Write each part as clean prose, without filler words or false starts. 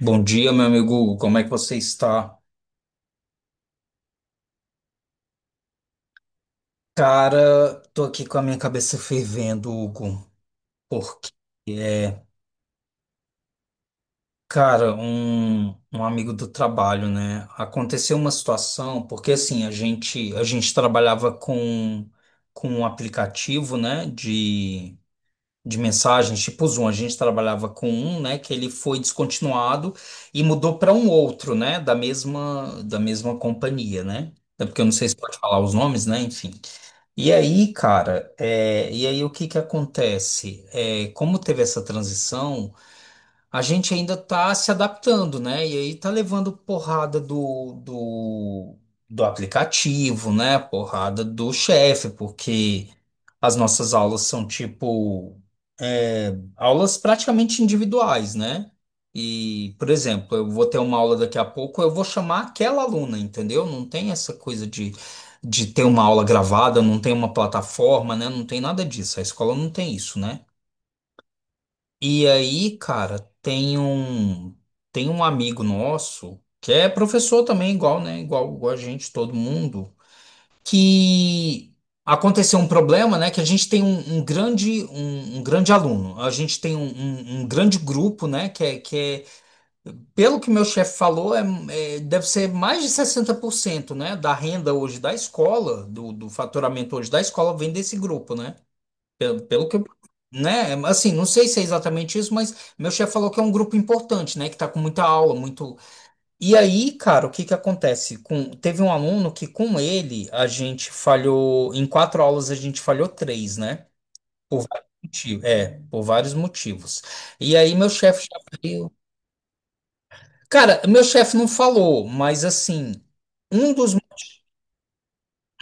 Bom dia, meu amigo Hugo. Como é que você está? Cara, tô aqui com a minha cabeça fervendo, Hugo, porque é, cara, um amigo do trabalho, né? Aconteceu uma situação, porque assim, a gente trabalhava com um aplicativo, né, de mensagens, tipo Zoom. A gente trabalhava com um, né, que ele foi descontinuado e mudou para um outro, né, da mesma companhia, né? É porque eu não sei se pode falar os nomes, né, enfim. E aí, cara, e aí o que que acontece? Como teve essa transição, a gente ainda está se adaptando, né? E aí tá levando porrada do aplicativo, né? Porrada do chefe, porque as nossas aulas são tipo aulas praticamente individuais, né? E, por exemplo, eu vou ter uma aula daqui a pouco, eu vou chamar aquela aluna, entendeu? Não tem essa coisa de ter uma aula gravada, não tem uma plataforma, né? Não tem nada disso. A escola não tem isso, né? E aí, cara, tem um amigo nosso que é professor também, igual, né? Igual, a gente, todo mundo, que aconteceu um problema, né? Que a gente tem um, um grande aluno. A gente tem um grande grupo, né? Que é, que É, pelo que meu chefe falou, deve ser mais de 60%, né? Da renda hoje da escola, do faturamento hoje da escola vem desse grupo, né? Pelo que eu, né? Assim, não sei se é exatamente isso, mas meu chefe falou que é um grupo importante, né? Que tá com muita aula, muito. E aí, cara, o que que acontece? Teve um aluno que com ele a gente falhou, em quatro aulas a gente falhou três, né? Por vários motivos. Por vários motivos. E aí meu chefe já veio. Cara, meu chefe não falou, mas assim, um dos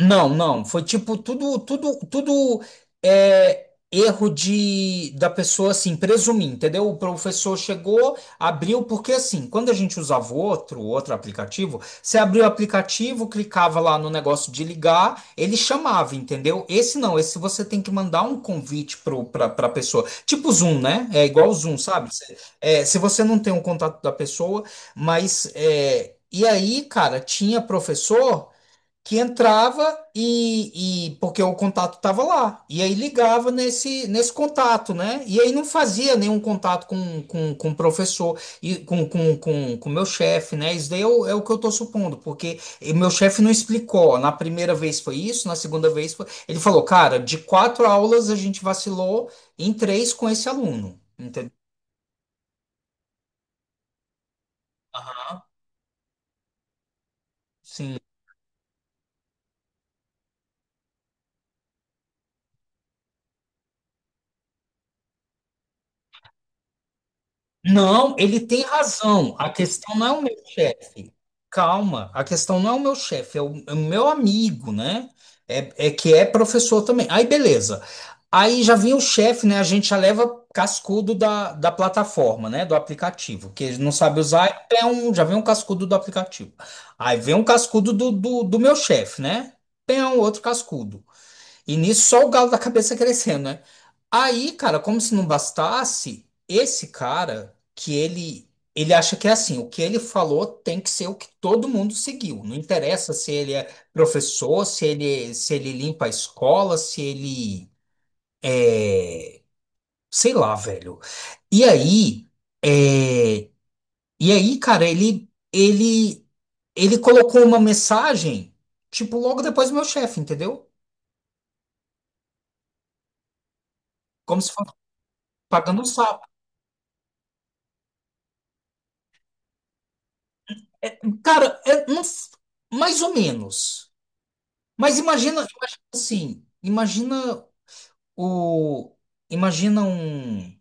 Não, não. Foi tipo tudo erro de da pessoa, assim, presumir, entendeu? O professor chegou, abriu, porque assim, quando a gente usava outro aplicativo, você abriu o aplicativo, clicava lá no negócio de ligar, ele chamava, entendeu? Esse não, esse você tem que mandar um convite pra pessoa. Tipo Zoom, né? É igual o Zoom, sabe? Se você não tem o contato da pessoa, mas e aí, cara, tinha professor que entrava porque o contato estava lá. E aí ligava nesse contato, né? E aí não fazia nenhum contato com o professor e com o meu chefe, né? Isso daí é é o que eu estou supondo, porque e meu chefe não explicou. Na primeira vez foi isso, na segunda vez foi. Ele falou, cara, de quatro aulas a gente vacilou em três com esse aluno. Entendeu? Aham. Sim. Não, ele tem razão. A questão não é o meu chefe. Calma, a questão não é o meu chefe, é é o meu amigo, né? É, é que é professor também. Aí, beleza. Aí já vem o chefe, né? A gente já leva cascudo da plataforma, né? Do aplicativo, que ele não sabe usar. É um, já vem um cascudo do aplicativo. Aí vem um cascudo do meu chefe, né? Tem um outro cascudo. E nisso só o galo da cabeça crescendo, né? Aí, cara, como se não bastasse, esse cara que ele acha que é assim, o que ele falou tem que ser o que todo mundo seguiu. Não interessa se ele é professor, se ele se ele limpa a escola, se ele, sei lá, velho. E aí, é, e aí, cara, ele colocou uma mensagem, tipo, logo depois do meu chefe, entendeu? Como se fosse pagando um sapo. Cara, é, não, f- mais ou menos. Mas imagina, imagina assim, imagina o, imagina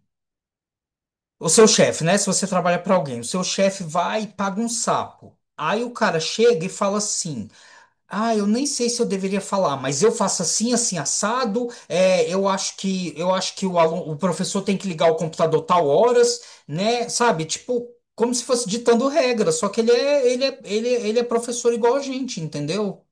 o seu chefe, né? Se você trabalha para alguém, o seu chefe vai e paga um sapo. Aí o cara chega e fala assim: Ah, eu nem sei se eu deveria falar, mas eu faço assim, assim, assado. Eu acho que o aluno, o professor tem que ligar o computador tal horas, né? Sabe? Tipo, como se fosse ditando regra, só que ele é professor igual a gente, entendeu?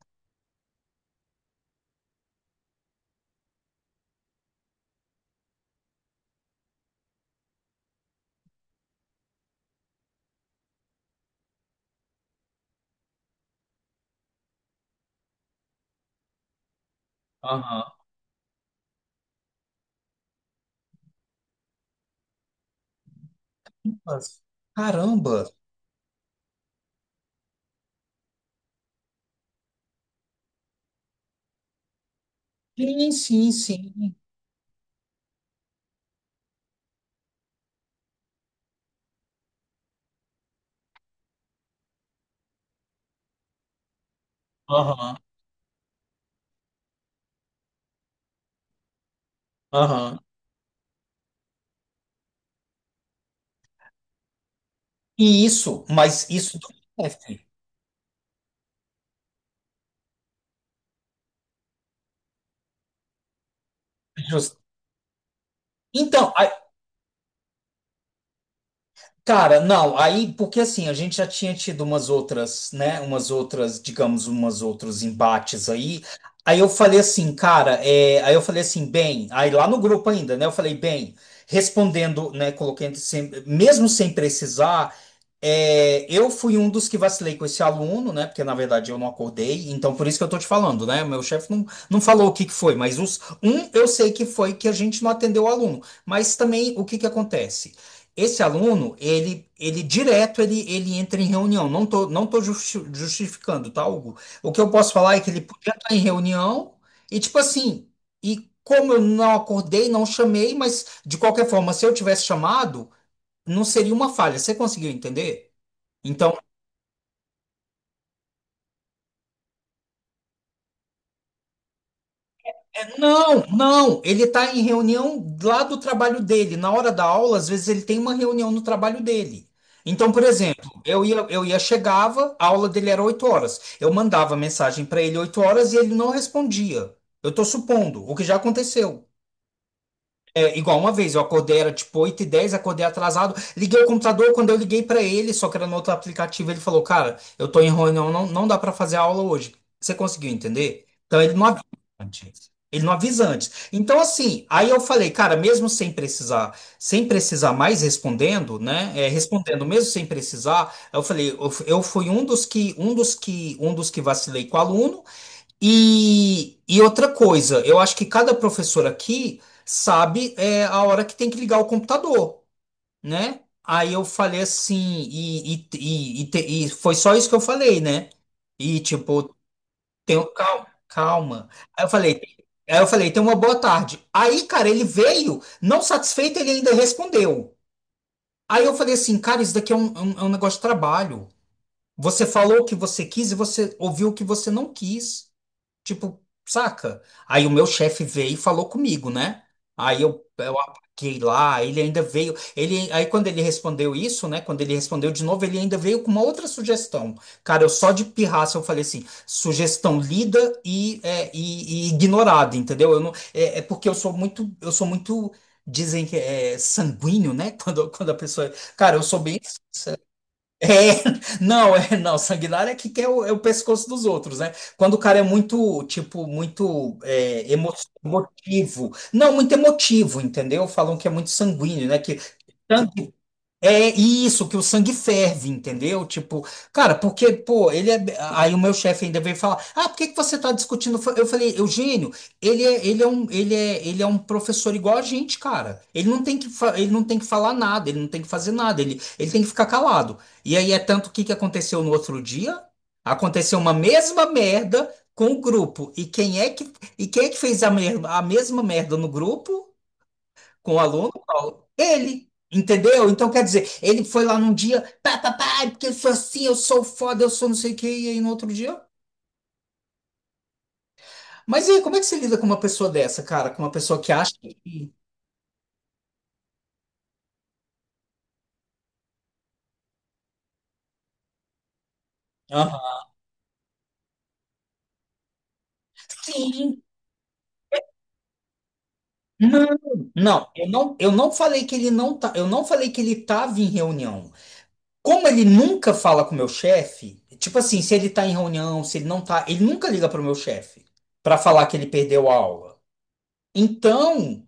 Mas, caramba! Sim, sim, sim. Aham, aham. E isso, mas isso do chefe. Jus- Então, cara, não, aí, porque assim, a gente já tinha tido umas outras, né, umas outras, digamos, umas outros embates aí. Aí eu falei assim, cara, aí eu falei assim, bem, aí lá no grupo ainda, né, eu falei, bem, respondendo, né, coloquei entre sem- mesmo sem precisar. É, eu fui um dos que vacilei com esse aluno, né? Porque na verdade eu não acordei, então por isso que eu tô te falando, né? Meu chefe não falou o que que foi, mas os um eu sei que foi que a gente não atendeu o aluno. Mas também o que que acontece? Esse aluno, ele entra em reunião. Não tô justificando, tá, Hugo? O que eu posso falar é que ele podia estar em reunião e tipo assim, e como eu não acordei, não chamei, mas de qualquer forma, se eu tivesse chamado, não seria uma falha. Você conseguiu entender? Então, não, não, ele está em reunião lá do trabalho dele. Na hora da aula, às vezes ele tem uma reunião no trabalho dele. Então, por exemplo, eu ia chegava, a aula dele era 8 horas. Eu mandava mensagem para ele 8 horas e ele não respondia. Eu estou supondo, o que já aconteceu. É, igual uma vez, eu acordei, era tipo 8h10, acordei atrasado, liguei o computador, quando eu liguei pra ele, só que era no outro aplicativo, ele falou, cara, eu tô em reunião, não dá pra fazer aula hoje. Você conseguiu entender? Então ele não avisa antes. Ele não avisa antes. Então assim, aí eu falei, cara, mesmo sem precisar, sem precisar mais respondendo, né? é, respondendo mesmo sem precisar, eu falei, eu fui um dos que vacilei com o aluno, e outra coisa, eu acho que cada professor aqui sabe a hora que tem que ligar o computador, né? Aí eu falei assim, e foi só isso que eu falei, né? E tipo, tenho calma, calma. Aí eu falei, tenha uma boa tarde. Aí, cara, ele veio, não satisfeito, ele ainda respondeu. Aí eu falei assim, cara, isso daqui é é um negócio de trabalho. Você falou o que você quis e você ouviu o que você não quis. Tipo, saca? Aí o meu chefe veio e falou comigo, né? Aí eu apaguei lá, ele ainda veio. Aí quando ele respondeu isso, né? Quando ele respondeu de novo, ele ainda veio com uma outra sugestão. Cara, eu só de pirraça eu falei assim: sugestão lida e ignorada, entendeu? Eu não, é, é porque eu sou muito, dizem que é sanguíneo, né? Quando, quando a pessoa. Cara, eu sou bem. É, não, sanguinário é que quer é o pescoço dos outros, né? Quando o cara é muito, tipo, muito emotivo. Não, muito emotivo, entendeu? Falam que é muito sanguíneo, né? Que sangue é isso, que o sangue ferve, entendeu? Tipo, cara, porque, pô, ele é. Aí o meu chefe ainda veio falar: ah, por que que você tá discutindo? Eu falei, Eugênio, ele é um professor igual a gente, cara. Ele não tem que, ele não tem que falar nada, ele não tem que fazer nada, ele tem que ficar calado. E aí é tanto que aconteceu no outro dia? Aconteceu uma mesma merda com o grupo. E quem é que, fez a mesma merda no grupo? Com o aluno, qual? Ele, entendeu? Então, quer dizer, ele foi lá num dia, pá, pá, pá, porque eu sou assim, eu sou foda, eu sou não sei o quê, e aí no outro dia. Mas e aí, como é que você lida com uma pessoa dessa, cara? Com uma pessoa que acha que. Aham. Sim. Não, não, eu não falei que ele não tá, eu não falei que ele tava em reunião. Como ele nunca fala com o meu chefe, tipo assim, se ele tá em reunião, se ele não tá, ele nunca liga pro meu chefe pra falar que ele perdeu a aula. Então,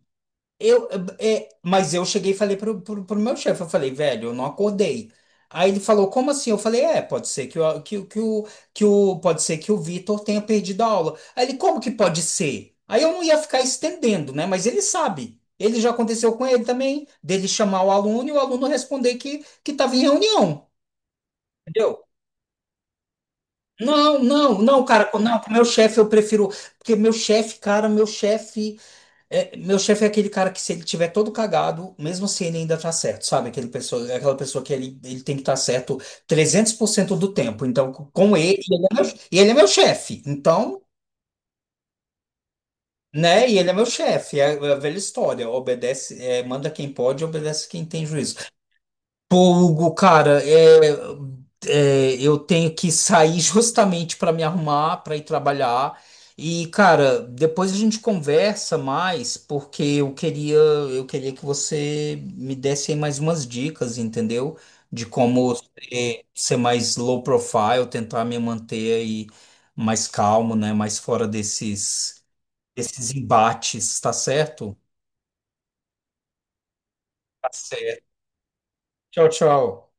eu, é, mas eu cheguei e falei pro meu chefe, eu falei, velho, eu não acordei. Aí ele falou, como assim? Eu falei, é, pode ser que, o que, o- que, o, que o, pode ser que o Vitor tenha perdido a aula. Aí ele, como que pode ser? Aí eu não ia ficar estendendo, né? Mas ele sabe. Ele já aconteceu com ele também, dele chamar o aluno e o aluno responder que estava em reunião. Entendeu? Não, não, não, cara, não, com meu chefe eu prefiro, porque meu chefe, cara, meu chefe. É, meu chefe é aquele cara que se ele tiver todo cagado, mesmo assim ele ainda tá certo, sabe? Aquela pessoa que ele tem que estar certo 300% do tempo. Então, com ele, e ele é meu chefe. Então, né? E ele é meu chefe. É é a velha história. Obedece, é, manda quem pode, obedece quem tem juízo. Pô, Hugo, cara, eu tenho que sair justamente para me arrumar, para ir trabalhar. E, cara, depois a gente conversa mais, porque eu queria que você me desse aí mais umas dicas, entendeu? De como ser, ser mais low profile, tentar me manter aí mais calmo, né? Mais fora desses, desses embates, tá certo? Tá certo. Tchau, tchau.